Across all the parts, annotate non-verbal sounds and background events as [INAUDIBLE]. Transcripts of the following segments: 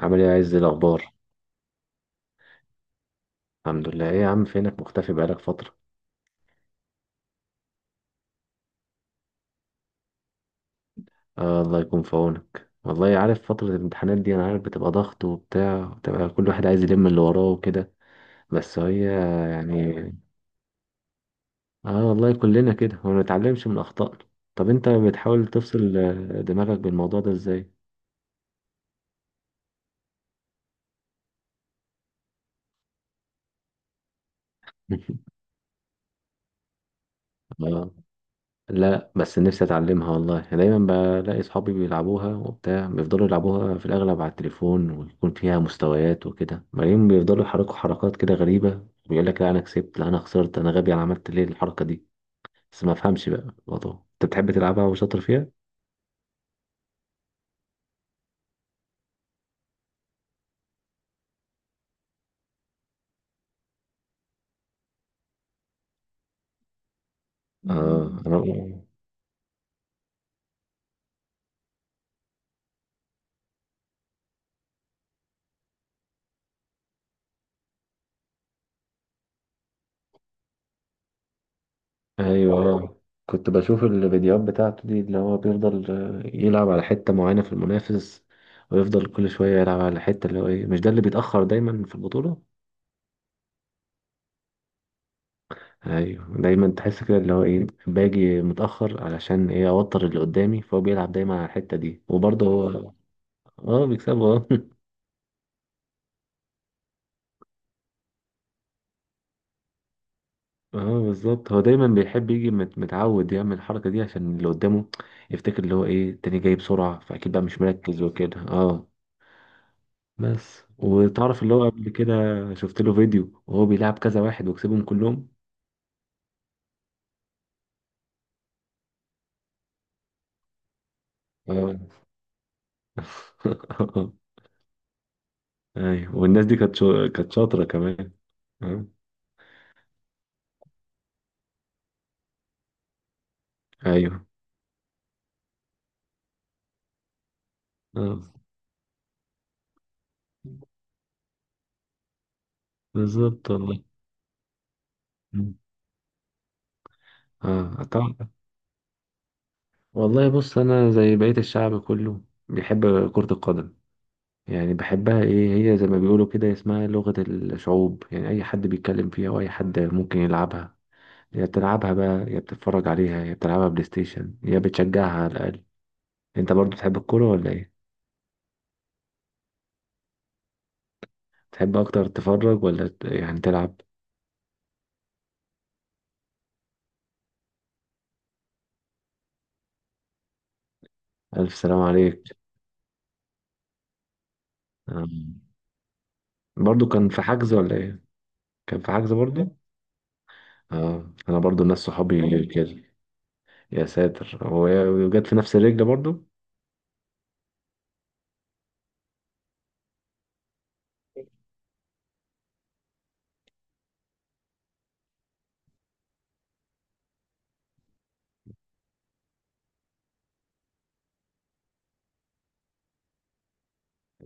عامل ايه يا عز؟ إيه الاخبار؟ الحمد لله، ايه يا عم فينك مختفي بقالك فتره؟ الله يكون في عونك، والله عارف فتره الامتحانات دي، انا عارف بتبقى ضغط وبتاع، بتبقى كل واحد عايز يلم اللي وراه وكده. بس هي يعني اه والله كلنا كده وما نتعلمش من اخطائنا. طب انت بتحاول تفصل دماغك بالموضوع ده ازاي؟ [LAUGHS] اه، لا بس نفسي اتعلمها والله. أنا دايما بلاقي اصحابي بيلعبوها وبتاع، بيفضلوا يلعبوها في الاغلب على التليفون، ويكون فيها مستويات وكده، بعدين بيفضلوا يحركوا حركات كده غريبة، بيقول لك لا انا كسبت، لا انا خسرت، انا غبي، انا عملت ليه الحركة دي؟ بس ما افهمش بقى الموضوع. انت بتحب تلعبها وشاطر فيها؟ اه. مم. انا ايوه كنت بشوف الفيديوهات بتاعته دي، اللي هو بيفضل يلعب على حتة معينة في المنافس، ويفضل كل شوية يلعب على الحتة. اللي هو ايه مش ده اللي بيتأخر دايما في البطولة؟ ايوه دايما تحس كده اللي هو ايه باجي متاخر، علشان ايه اوتر اللي قدامي، فهو بيلعب دايما على الحته دي، وبرضه هو اه بيكسبه اه. [LAUGHS] اه بالظبط، هو دايما بيحب يجي متعود يعمل الحركه دي عشان اللي قدامه يفتكر اللي هو ايه التاني جاي بسرعه، فاكيد بقى مش مركز وكده. اه بس. وتعرف اللي هو قبل كده شفت له فيديو وهو بيلعب كذا واحد وكسبهم كلهم. اه. [LAUGHS] ايوه، والناس دي كانت كانت شاطره كمان. اه. ايوه. اه بالظبط والله. مم. اه طبعا. والله بص انا زي بقية الشعب كله بيحب كرة القدم، يعني بحبها، ايه هي زي ما بيقولوا كده اسمها لغة الشعوب، يعني اي حد بيتكلم فيها، واي حد ممكن يلعبها. يا بتلعبها بقى، يا بتتفرج عليها، يا بتلعبها بلاي ستيشن، يا بتشجعها على الاقل. انت برضو تحب الكورة ولا ايه؟ تحب اكتر تتفرج ولا يعني تلعب؟ الف سلام عليك. آه. برضو كان في حجز ولا ايه؟ كان في حجز برضو. اه انا برضو ناس صحابي كده. يا ساتر. هو وجت في نفس الرجل برضو؟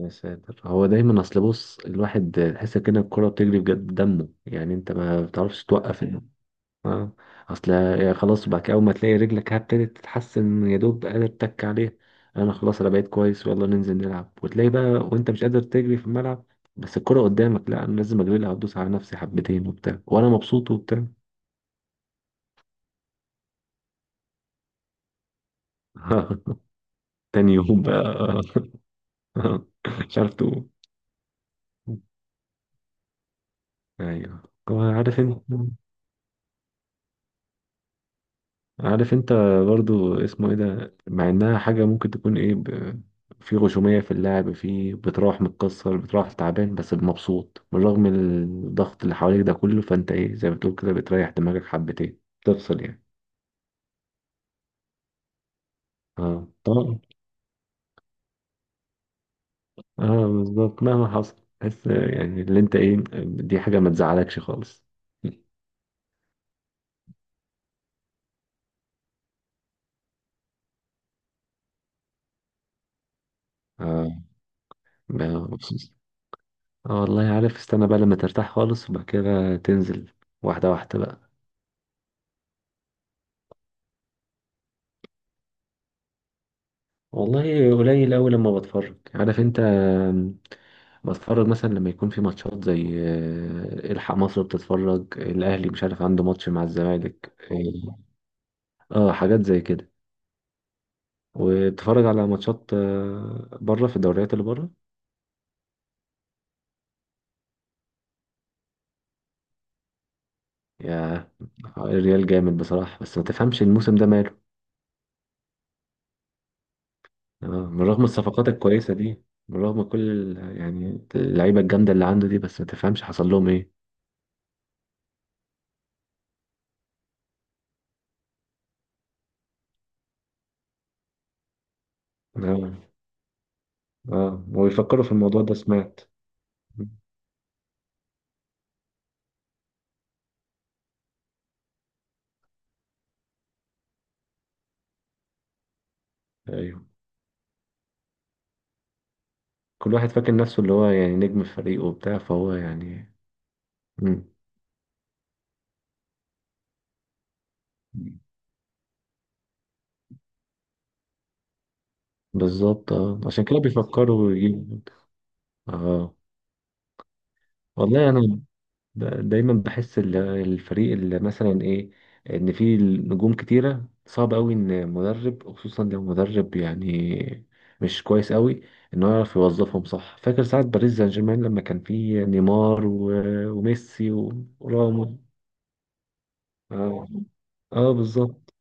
يا ساتر. هو دايما اصل بص الواحد تحس كده الكرة بتجري بجد دمه، يعني انت ما بتعرفش توقف اه. اصل يا خلاص بقى، اول ما تلاقي رجلك هبتدت تتحسن، يا دوب قادر تك عليه. انا خلاص انا بقيت كويس ويلا ننزل نلعب، وتلاقي بقى وانت مش قادر تجري في الملعب، بس الكرة قدامك، لا انا لازم اجري لها وادوس على نفسي حبتين وبتاع، وانا مبسوط وبتاع. [LAUGHS] تاني يوم بقى. [LAUGHS] مش عارف تقوم. ايوه. هو عارف انت، عارف انت برضو اسمه ايه ده، مع انها حاجة ممكن تكون ايه ب... في غشومية في اللعب، في بتروح متكسر، بتروح تعبان بس مبسوط بالرغم من الضغط اللي حواليك ده كله، فانت ايه زي ما بتقول كده بتريح دماغك حبتين، تفصل اه طبعا. اه بالظبط مهما حصل. بس اللي انت ايه، دي حاجة ما تزعلكش خالص. اه بقى مبسوط. اه والله عارف، استنى بقى لما ترتاح خالص وبعد كده تنزل واحدة واحدة بقى. والله قليل أوي لما بتفرج، عارف انت بتفرج مثلا لما يكون في ماتشات زي الحق مصر، بتتفرج الأهلي مش عارف عنده ماتش مع الزمالك، اه حاجات زي كده. وبتفرج على ماتشات بره في الدوريات اللي بره. يا الريال جامد بصراحة، بس ما تفهمش الموسم ده ماله. من رغم الصفقات الكويسة دي، من رغم كل اللعيبة الجامدة اللي عنده دي، بس ما تفهمش حصل لهم ايه. اه. اه ويفكروا في الموضوع ده، سمعت. ايوه كل واحد فاكر نفسه اللي هو يعني نجم الفريق وبتاع، فهو مم. بالظبط اه، عشان كده بيفكروا يجيبوا. اه والله انا دايما بحس الفريق اللي مثلا ايه ان فيه نجوم كتيره، صعب قوي ان مدرب، خصوصا لو مدرب يعني مش كويس قوي، انه يعرف يوظفهم صح. فاكر ساعه باريس سان جيرمان لما كان فيه نيمار وميسي وراموس. اه. اه بالظبط.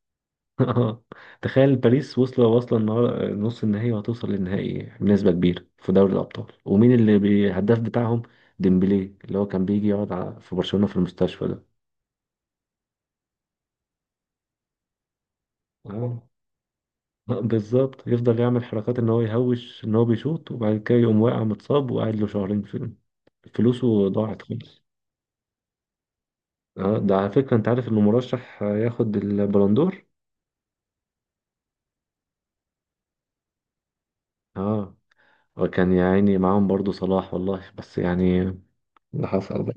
[LAUGHS] اه. تخيل باريس واصلة واصلة نص النهائي، وهتوصل للنهائي بنسبة كبيرة في دوري الأبطال، ومين اللي الهداف بتاعهم؟ ديمبلي. اللي هو كان بيجي يقعد في برشلونة في المستشفى ده. آه. [LAUGHS] بالظبط، يفضل يعمل حركات ان هو يهوش ان هو بيشوط، وبعد كده يقوم واقع متصاب وقاعد له شهرين في، فلوسه ضاعت خالص. اه ده على فكرة انت عارف انه مرشح ياخد البلندور. اه. وكان يا عيني معاهم برضو صلاح والله، بس اللي حصل بقى.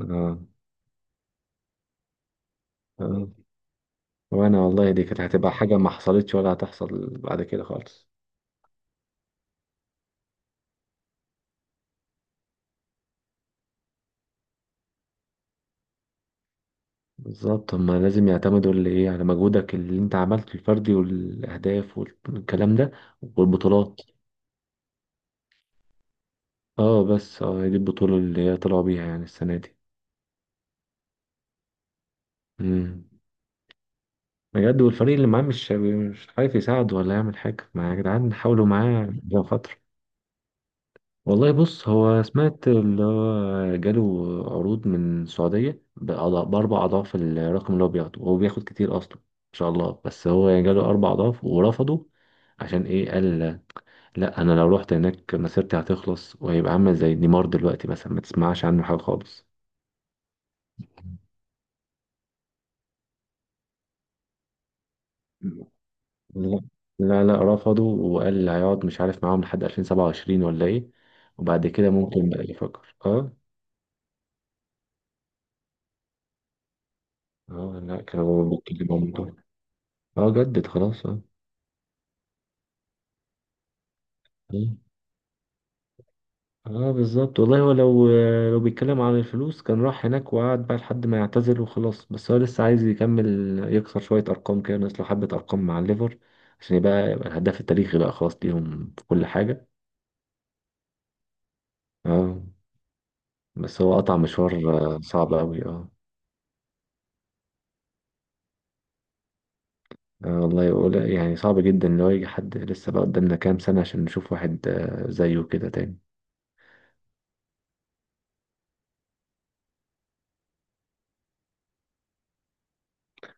اه. آه. وانا والله دي كانت هتبقى حاجة ما حصلتش ولا هتحصل بعد كده خالص. بالظبط، هما لازم يعتمدوا اللي ايه على مجهودك اللي انت عملته الفردي والاهداف والكلام ده والبطولات. اه بس اه دي البطولة اللي هي طلعوا بيها يعني السنة دي. امم. بجد، والفريق اللي معاه مش عارف يساعد ولا يعمل حاجة، ما يا جدعان حاولوا معاه عشان خاطره. والله بص هو سمعت اللي هو جاله عروض من السعودية بأربع أضعاف الرقم اللي هو بياخده، وهو بياخد كتير أصلا إن شاء الله، بس هو يعني جاله أربع أضعاف ورفضه. عشان إيه؟ قال لأ أنا لو رحت هناك مسيرتي هتخلص، وهيبقى عامل زي نيمار دلوقتي مثلا ما تسمعش عنه حاجة خالص. لا. لا رفضه، وقال هيقعد مش عارف معاهم لحد 2027 ولا إيه، وبعد كده ممكن بقى يفكر أه. أه لأ كانوا بيتكلموا عن الموضوع. أه جدد خلاص أه. اه بالظبط والله. هو لو لو بيتكلم عن الفلوس كان راح هناك وقعد بقى لحد ما يعتزل وخلاص، بس هو لسه عايز يكمل، يكسر شوية أرقام كده، ناقص له حبة أرقام مع الليفر، عشان يبقى يبقى الهداف التاريخي بقى خلاص ليهم في كل حاجة. اه. بس هو قطع مشوار. صعب أوي اه. والله يقول يعني صعب جدا لو يجي حد، لسه بقى قدامنا كام سنة عشان نشوف واحد زيه كده تاني.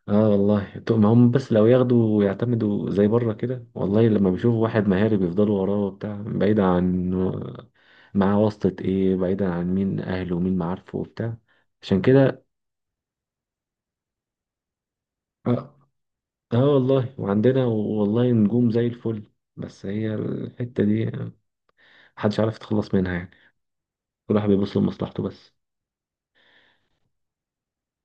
اه والله. طب ما هم بس لو ياخدوا ويعتمدوا زي بره كده، والله لما بيشوفوا واحد مهاري بيفضلوا وراه وبتاع، بعيدا عن معاه واسطة ايه، بعيدا عن مين اهله ومين معارفه وبتاع، عشان كده. اه. والله وعندنا والله نجوم زي الفل، بس هي الحتة دي محدش عارف يتخلص منها يعني، كل واحد بيبص لمصلحته بس.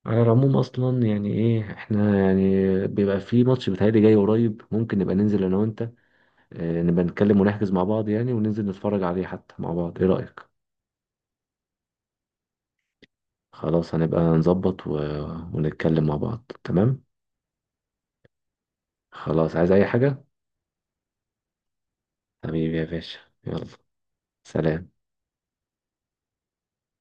على العموم اصلا يعني ايه احنا يعني بيبقى في ماتش بيتهيألي جاي قريب، ممكن نبقى ننزل انا وانت نبقى نتكلم ونحجز مع بعض يعني وننزل نتفرج عليه حتى مع بعض، ايه رأيك؟ خلاص هنبقى نظبط و... ونتكلم مع بعض، تمام. خلاص عايز اي حاجة. حبيبي يا باشا، يلا، سلام.